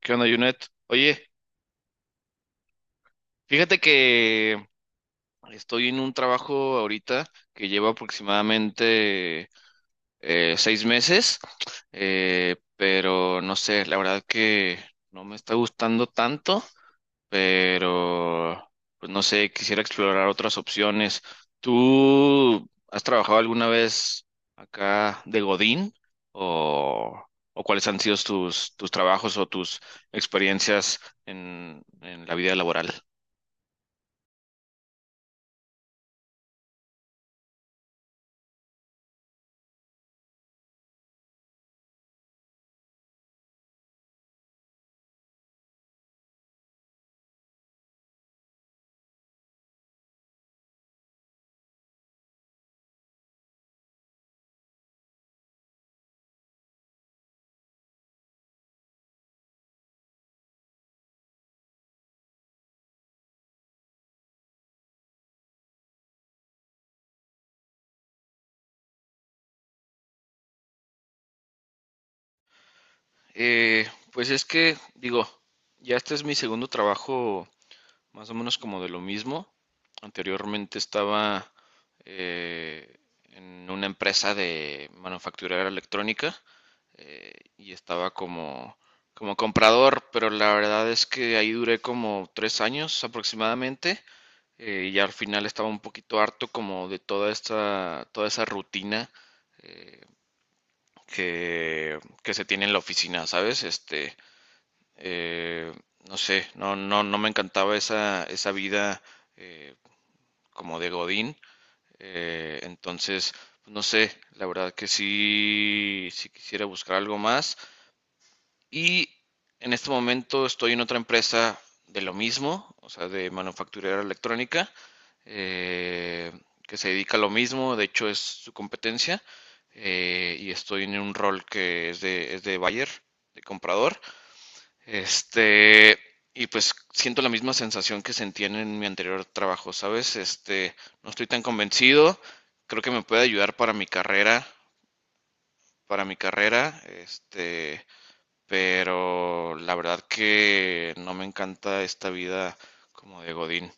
¿Qué onda, Junet? Oye, fíjate que estoy en un trabajo ahorita que lleva aproximadamente 6 meses, pero no sé, la verdad que no me está gustando tanto, pero pues no sé, quisiera explorar otras opciones. ¿Tú has trabajado alguna vez acá de Godín o, o cuáles han sido tus trabajos o tus experiencias en la vida laboral? Pues es que, digo, ya este es mi segundo trabajo, más o menos como de lo mismo. Anteriormente estaba eh, en una empresa de manufacturera electrónica y estaba como comprador, pero la verdad es que ahí duré como 3 años aproximadamente, y ya al final estaba un poquito harto como de toda esta, toda esa rutina eh, que, que se tiene en la oficina, ¿sabes? Este, eh, no sé, no, no, no me encantaba esa vida, eh, como de Godín. Entonces, no sé, la verdad que sí, sí quisiera buscar algo más. Y en este momento estoy en otra empresa de lo mismo, o sea, de manufacturera electrónica, eh, que se dedica a lo mismo, de hecho es su competencia, y estoy en un rol que es de buyer, de comprador. Este, y pues siento la misma sensación que sentí en mi anterior trabajo, ¿sabes? Este, no estoy tan convencido, creo que me puede ayudar para mi carrera, este, pero la verdad que no me encanta esta vida como de Godín.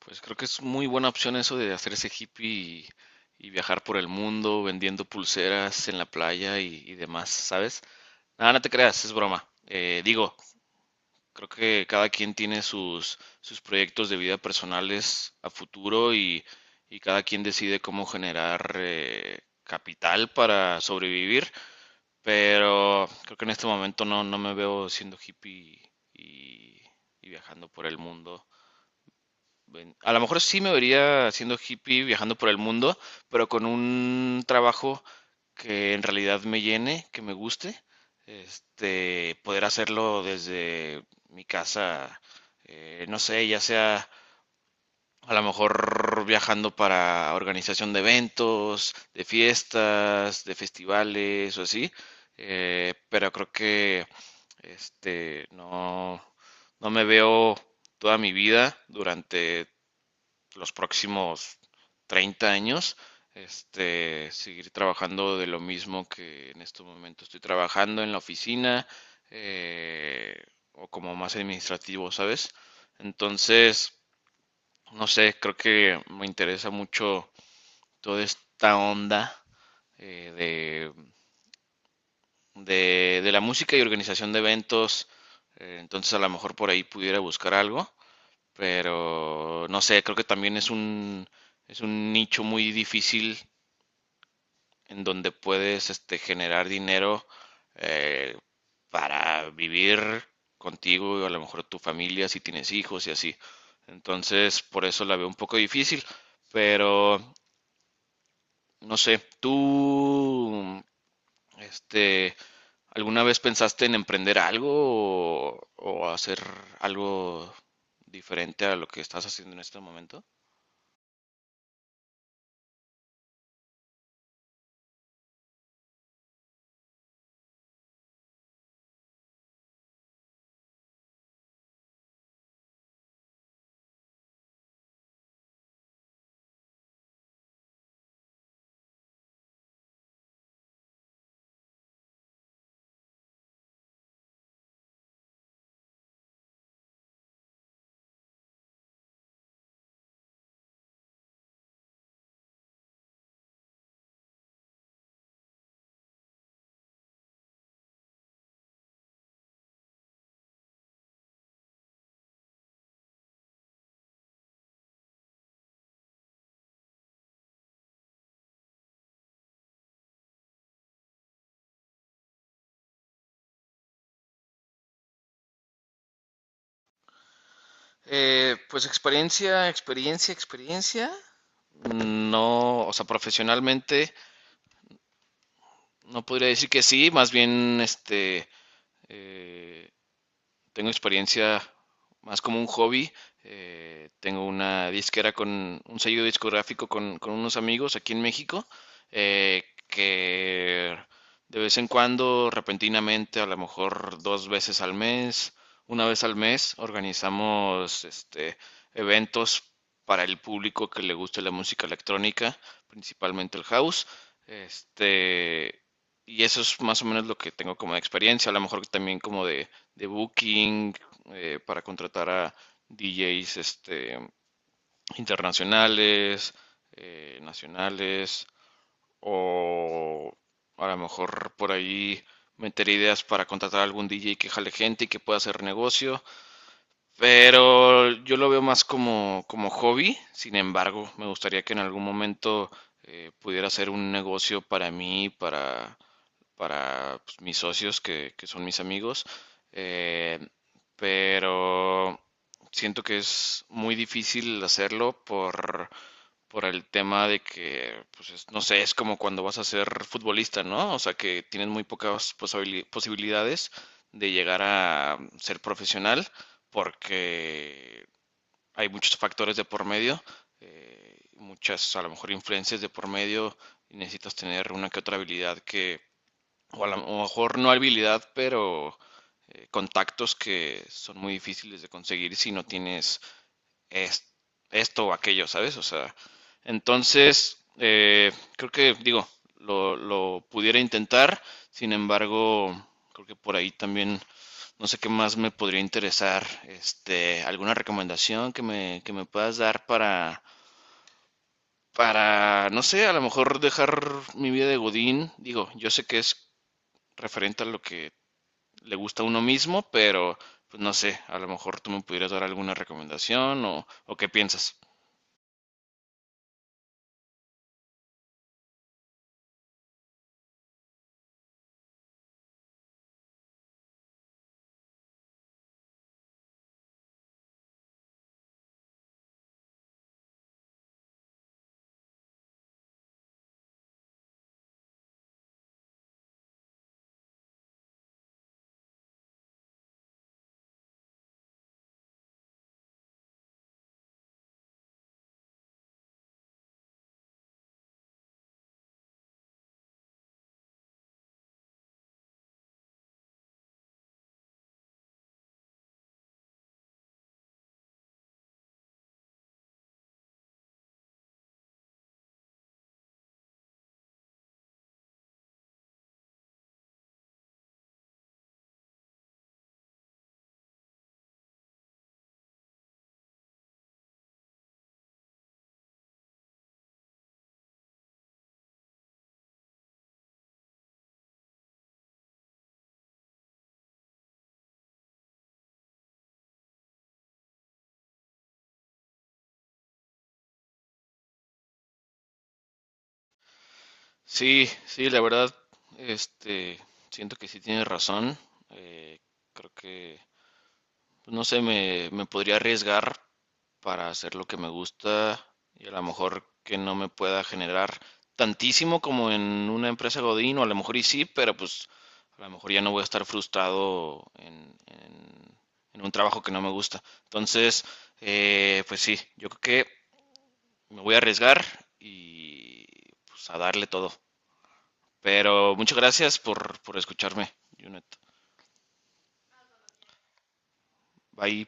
Pues creo que es muy buena opción eso de hacerse hippie y viajar por el mundo vendiendo pulseras en la playa y demás, ¿sabes? Nada, no te creas, es broma. Digo, creo que cada quien tiene sus proyectos de vida personales a futuro y cada quien decide cómo generar capital para sobrevivir, pero creo que en este momento no, no me veo siendo hippie y, y viajando por el mundo. Ven, a lo mejor sí me vería siendo hippie, viajando por el mundo, pero con un trabajo que en realidad me llene, que me guste, este, poder hacerlo desde mi casa, no sé, ya sea a lo mejor viajando para organización de eventos, de fiestas, de festivales o así, pero creo que este, no, no me veo toda mi vida durante los próximos 30 años, este, seguir trabajando de lo mismo que en este momento estoy trabajando en la oficina, eh, o como más administrativo, ¿sabes? Entonces, no sé, creo que me interesa mucho toda esta onda eh, de, de la música y organización de eventos, entonces a lo mejor por ahí pudiera buscar algo. Pero no sé, creo que también es un nicho muy difícil en donde puedes este, generar dinero, eh, para vivir contigo y a lo mejor tu familia si tienes hijos y así. Entonces, por eso la veo un poco difícil, pero no sé, tú, este, ¿alguna vez pensaste en emprender algo o hacer algo diferente a lo que estás haciendo en este momento? Pues experiencia, experiencia, experiencia. No, o sea, profesionalmente no podría decir que sí, más bien este eh, tengo experiencia más como un hobby. Tengo una disquera con un sello discográfico con unos amigos aquí en México, que de vez en cuando, repentinamente, a lo mejor dos veces al mes, una vez al mes, organizamos este, eventos para el público que le guste la música electrónica, principalmente el house. Este, y eso es más o menos lo que tengo como de experiencia, a lo mejor también como de booking, para contratar a DJs, este, internacionales, nacionales, o a lo mejor por ahí meter ideas para contratar a algún DJ que jale gente y que pueda hacer negocio, pero yo lo veo más como hobby, sin embargo, me gustaría que en algún momento pudiera ser un negocio para mí, para pues, mis socios que son mis amigos, eh, pero siento que es muy difícil hacerlo por el tema de que, pues, no sé, es como cuando vas a ser futbolista, ¿no? O sea, que tienes muy pocas posibilidades de llegar a, ser profesional porque hay muchos factores de por medio, muchas a lo mejor influencias de por medio y necesitas tener una que otra habilidad que, o a lo mejor no habilidad, pero contactos que son muy difíciles de conseguir si no tienes es- esto o aquello, ¿sabes? O sea, entonces, creo que, digo, lo pudiera intentar, sin embargo, creo que por ahí también, no sé qué más me podría interesar, este, alguna recomendación que me puedas dar para... Para, no sé, a lo mejor dejar mi vida de Godín, digo, yo sé que es referente a lo que le gusta a uno mismo, pero pues no sé, a lo mejor tú me pudieras dar alguna recomendación o qué piensas. Sí, sí, la verdad, este, siento que sí tienes razón. eh, creo que pues, no sé, me podría arriesgar para hacer lo que me gusta y a lo mejor que no me pueda generar tantísimo como en una empresa Godín, o a lo mejor y sí, pero pues a lo mejor ya no voy a estar frustrado en un trabajo que no me gusta. Entonces, pues sí, yo creo que me voy a arriesgar y pues a darle todo. Pero muchas gracias por escucharme, Junet. Bye.